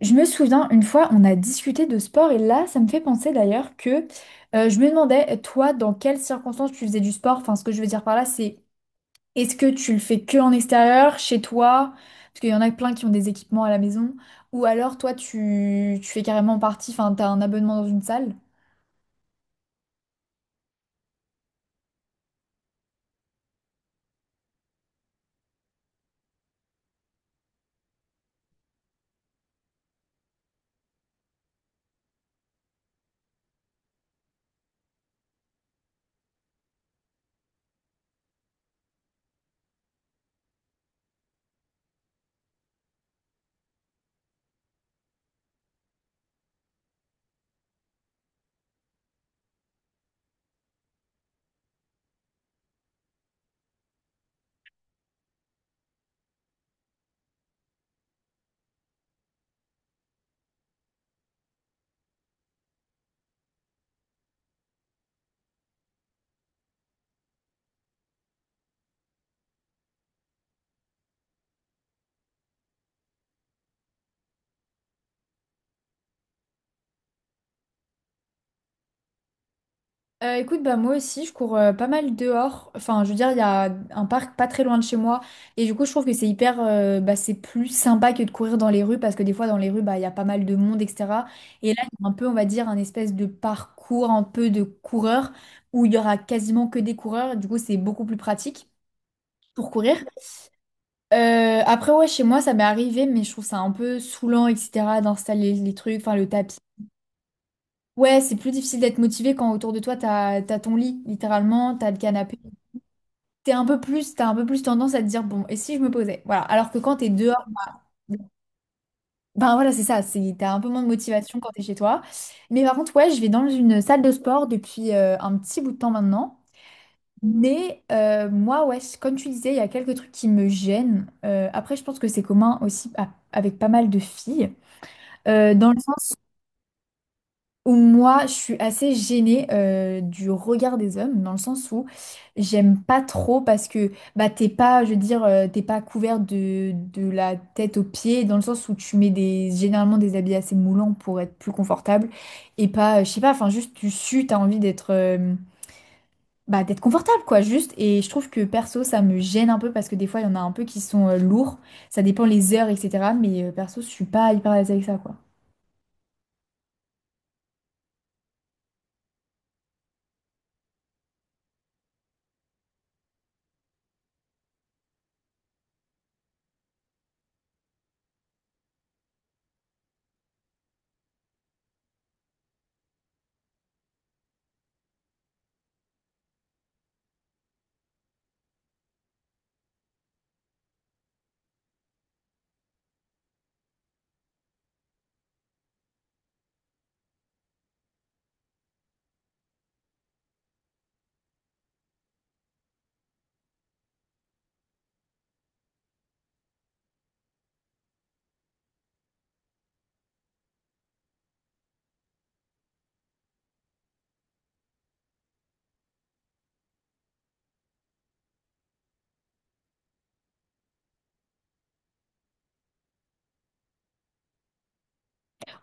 Je me souviens, une fois, on a discuté de sport et là, ça me fait penser d'ailleurs que je me demandais, toi, dans quelles circonstances tu faisais du sport? Enfin, ce que je veux dire par là, c'est est-ce que tu le fais que en extérieur, chez toi? Parce qu'il y en a plein qui ont des équipements à la maison. Ou alors, toi, tu fais carrément partie, enfin, t'as un abonnement dans une salle? Écoute, bah moi aussi, je cours pas mal dehors. Enfin, je veux dire, il y a un parc pas très loin de chez moi. Et du coup, je trouve que c'est hyper, bah, c'est plus sympa que de courir dans les rues parce que des fois, dans les rues, bah, il y a pas mal de monde, etc. Et là, il y a un peu, on va dire, un espèce de parcours un peu de coureur où il y aura quasiment que des coureurs. Du coup, c'est beaucoup plus pratique pour courir. Après, ouais, chez moi, ça m'est arrivé, mais je trouve ça un peu saoulant, etc., d'installer les trucs, enfin, le tapis. Ouais, c'est plus difficile d'être motivé quand autour de toi, t'as ton lit, littéralement, t'as le canapé. T'es un peu plus, t'as un peu plus tendance à te dire, bon, et si je me posais? Voilà. Alors que quand t'es dehors, ben voilà, c'est ça, c'est, t'as un peu moins de motivation quand t'es chez toi. Mais par contre, ouais, je vais dans une salle de sport depuis un petit bout de temps maintenant. Mais moi, ouais, comme tu disais, il y a quelques trucs qui me gênent. Après, je pense que c'est commun aussi avec pas mal de filles. Dans le sens ou moi, je suis assez gênée du regard des hommes, dans le sens où j'aime pas trop parce que bah t'es pas, je veux dire, t'es pas couvert de la tête aux pieds, dans le sens où tu mets des généralement des habits assez moulants pour être plus confortable et pas, je sais pas, enfin juste tu sues, t'as envie d'être bah d'être confortable quoi, juste. Et je trouve que perso ça me gêne un peu parce que des fois il y en a un peu qui sont lourds, ça dépend les heures etc. Mais perso je suis pas hyper à l'aise avec ça quoi.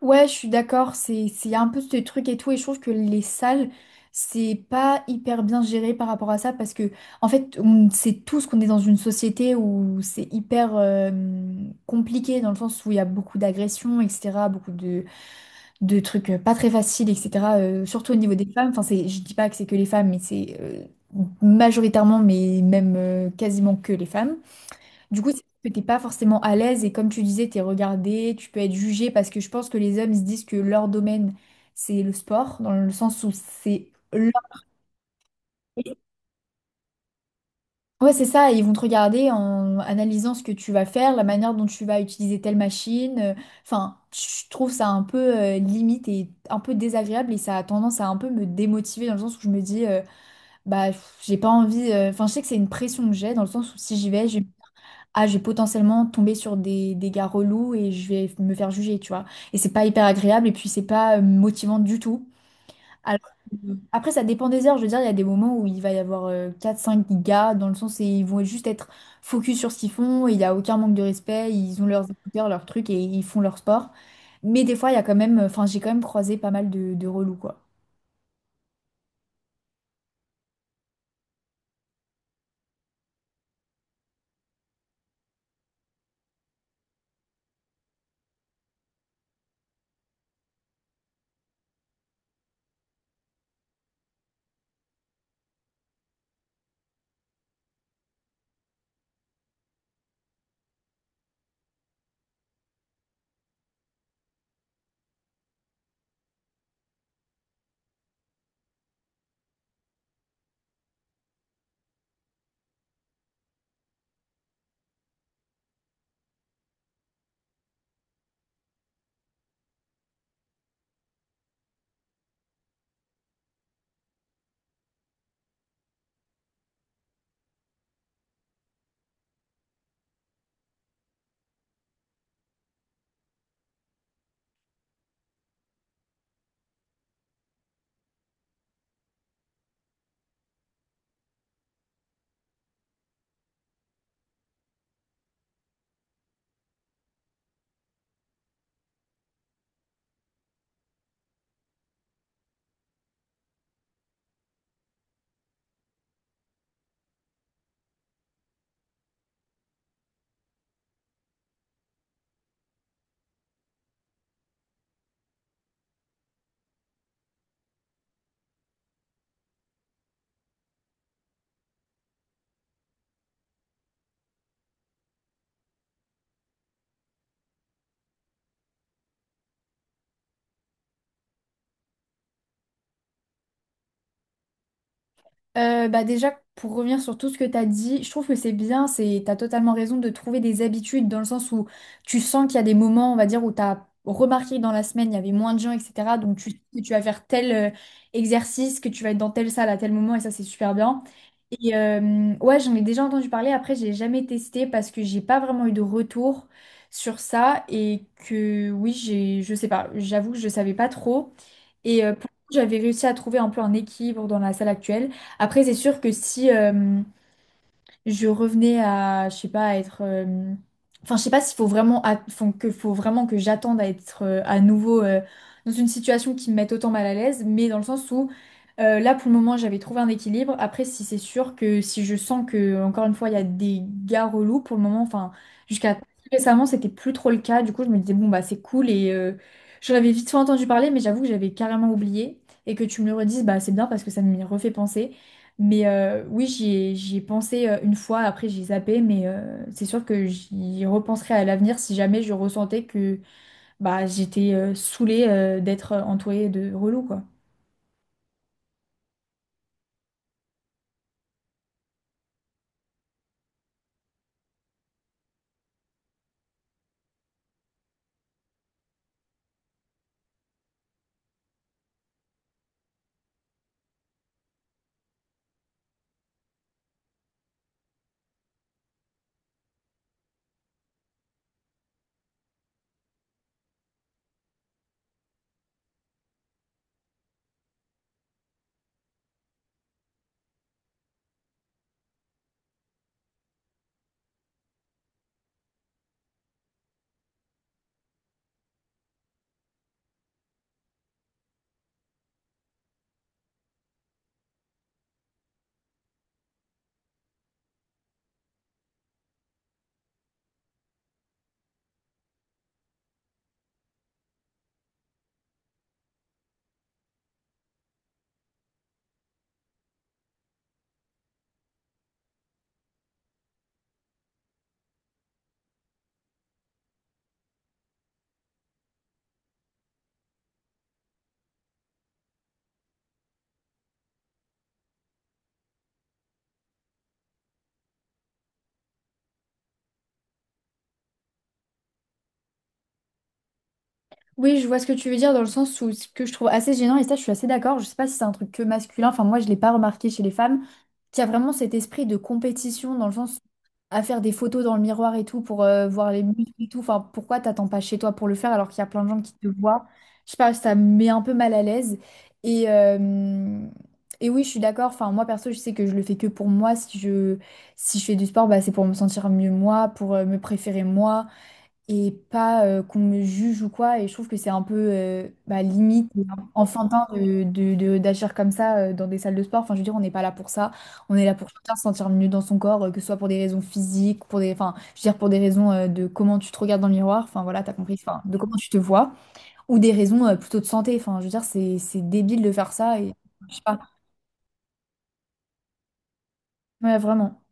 Ouais, je suis d'accord, c'est un peu ce truc et tout, et je trouve que les salles, c'est pas hyper bien géré par rapport à ça, parce que, en fait, on sait tous qu'on est dans une société où c'est hyper compliqué, dans le sens où il y a beaucoup d'agressions, etc., beaucoup de trucs pas très faciles, etc., surtout au niveau des femmes, enfin, c'est, je dis pas que c'est que les femmes, mais c'est majoritairement, mais même quasiment que les femmes. Du coup, c'est que t'es pas forcément à l'aise et comme tu disais, t'es regardé, tu peux être jugé parce que je pense que les hommes ils se disent que leur domaine c'est le sport, dans le sens où c'est leur... Ouais, c'est ça, ils vont te regarder en analysant ce que tu vas faire, la manière dont tu vas utiliser telle machine. Enfin, je trouve ça un peu limite et un peu désagréable et ça a tendance à un peu me démotiver dans le sens où je me dis, bah, pff, j'ai pas envie, enfin, je sais que c'est une pression que j'ai dans le sens où si j'y vais, je ah, je vais potentiellement tomber sur des gars relous et je vais me faire juger, tu vois. Et c'est pas hyper agréable et puis c'est pas motivant du tout. Alors, après, ça dépend des heures. Je veux dire, il y a des moments où il va y avoir quatre cinq gars dans le sens où ils vont juste être focus sur ce qu'ils font et il n'y a aucun manque de respect. Ils ont leurs écouteurs, leurs trucs et ils font leur sport. Mais des fois, il y a quand même, enfin, j'ai quand même croisé pas mal de relous, quoi. Bah déjà, pour revenir sur tout ce que tu as dit, je trouve que c'est bien, c'est, tu as totalement raison de trouver des habitudes dans le sens où tu sens qu'il y a des moments, on va dire, où tu as remarqué que dans la semaine, il y avait moins de gens, etc. Donc tu sais que tu vas faire tel exercice, que tu vas être dans telle salle à tel moment, et ça, c'est super bien. Et ouais, j'en ai déjà entendu parler, après, j'ai jamais testé parce que j'ai pas vraiment eu de retour sur ça et que oui, j'ai, je sais pas, j'avoue que je savais pas trop. Et pour le coup, j'avais réussi à trouver un peu un équilibre dans la salle actuelle. Après, c'est sûr que si, je revenais à, je sais pas, à être. Enfin, je sais pas s'il faut vraiment, enfin, que faut vraiment que j'attende à être à nouveau dans une situation qui me mette autant mal à l'aise, mais dans le sens où là, pour le moment, j'avais trouvé un équilibre. Après, si c'est sûr que si je sens que, encore une fois, il y a des gars relous, pour le moment, enfin, jusqu'à récemment, c'était plus trop le cas. Du coup, je me disais, bon, bah, c'est cool et j'en avais vite fait entendu parler, mais j'avoue que j'avais carrément oublié et que tu me le redises, bah, c'est bien parce que ça me refait penser. Mais oui, j'y ai pensé une fois, après j'ai zappé, mais c'est sûr que j'y repenserai à l'avenir si jamais je ressentais que bah, j'étais saoulée d'être entourée de relous, quoi. Oui, je vois ce que tu veux dire dans le sens où ce que je trouve assez gênant, et ça je suis assez d'accord, je sais pas si c'est un truc que masculin, enfin moi je l'ai pas remarqué chez les femmes, qu'il y a vraiment cet esprit de compétition dans le sens à faire des photos dans le miroir et tout pour voir les muscles et tout. Enfin, pourquoi t'attends pas chez toi pour le faire alors qu'il y a plein de gens qui te voient? Je sais pas, ça me met un peu mal à l'aise. Et, euh, et oui, je suis d'accord. Enfin, moi perso, je sais que je le fais que pour moi. Si je fais du sport, bah, c'est pour me sentir mieux moi, pour me préférer moi et pas qu'on me juge ou quoi. Et je trouve que c'est un peu bah, limite et enfantin de, d'agir comme ça dans des salles de sport. Enfin, je veux dire, on n'est pas là pour ça. On est là pour chacun se sentir mieux dans son corps, que ce soit pour des raisons physiques, pour des, enfin, je veux dire, pour des raisons de comment tu te regardes dans le miroir. Enfin, voilà, t'as compris. Enfin, de comment tu te vois, ou des raisons plutôt de santé. Enfin, je veux dire, c'est débile de faire ça. Et je sais pas. Ouais, vraiment.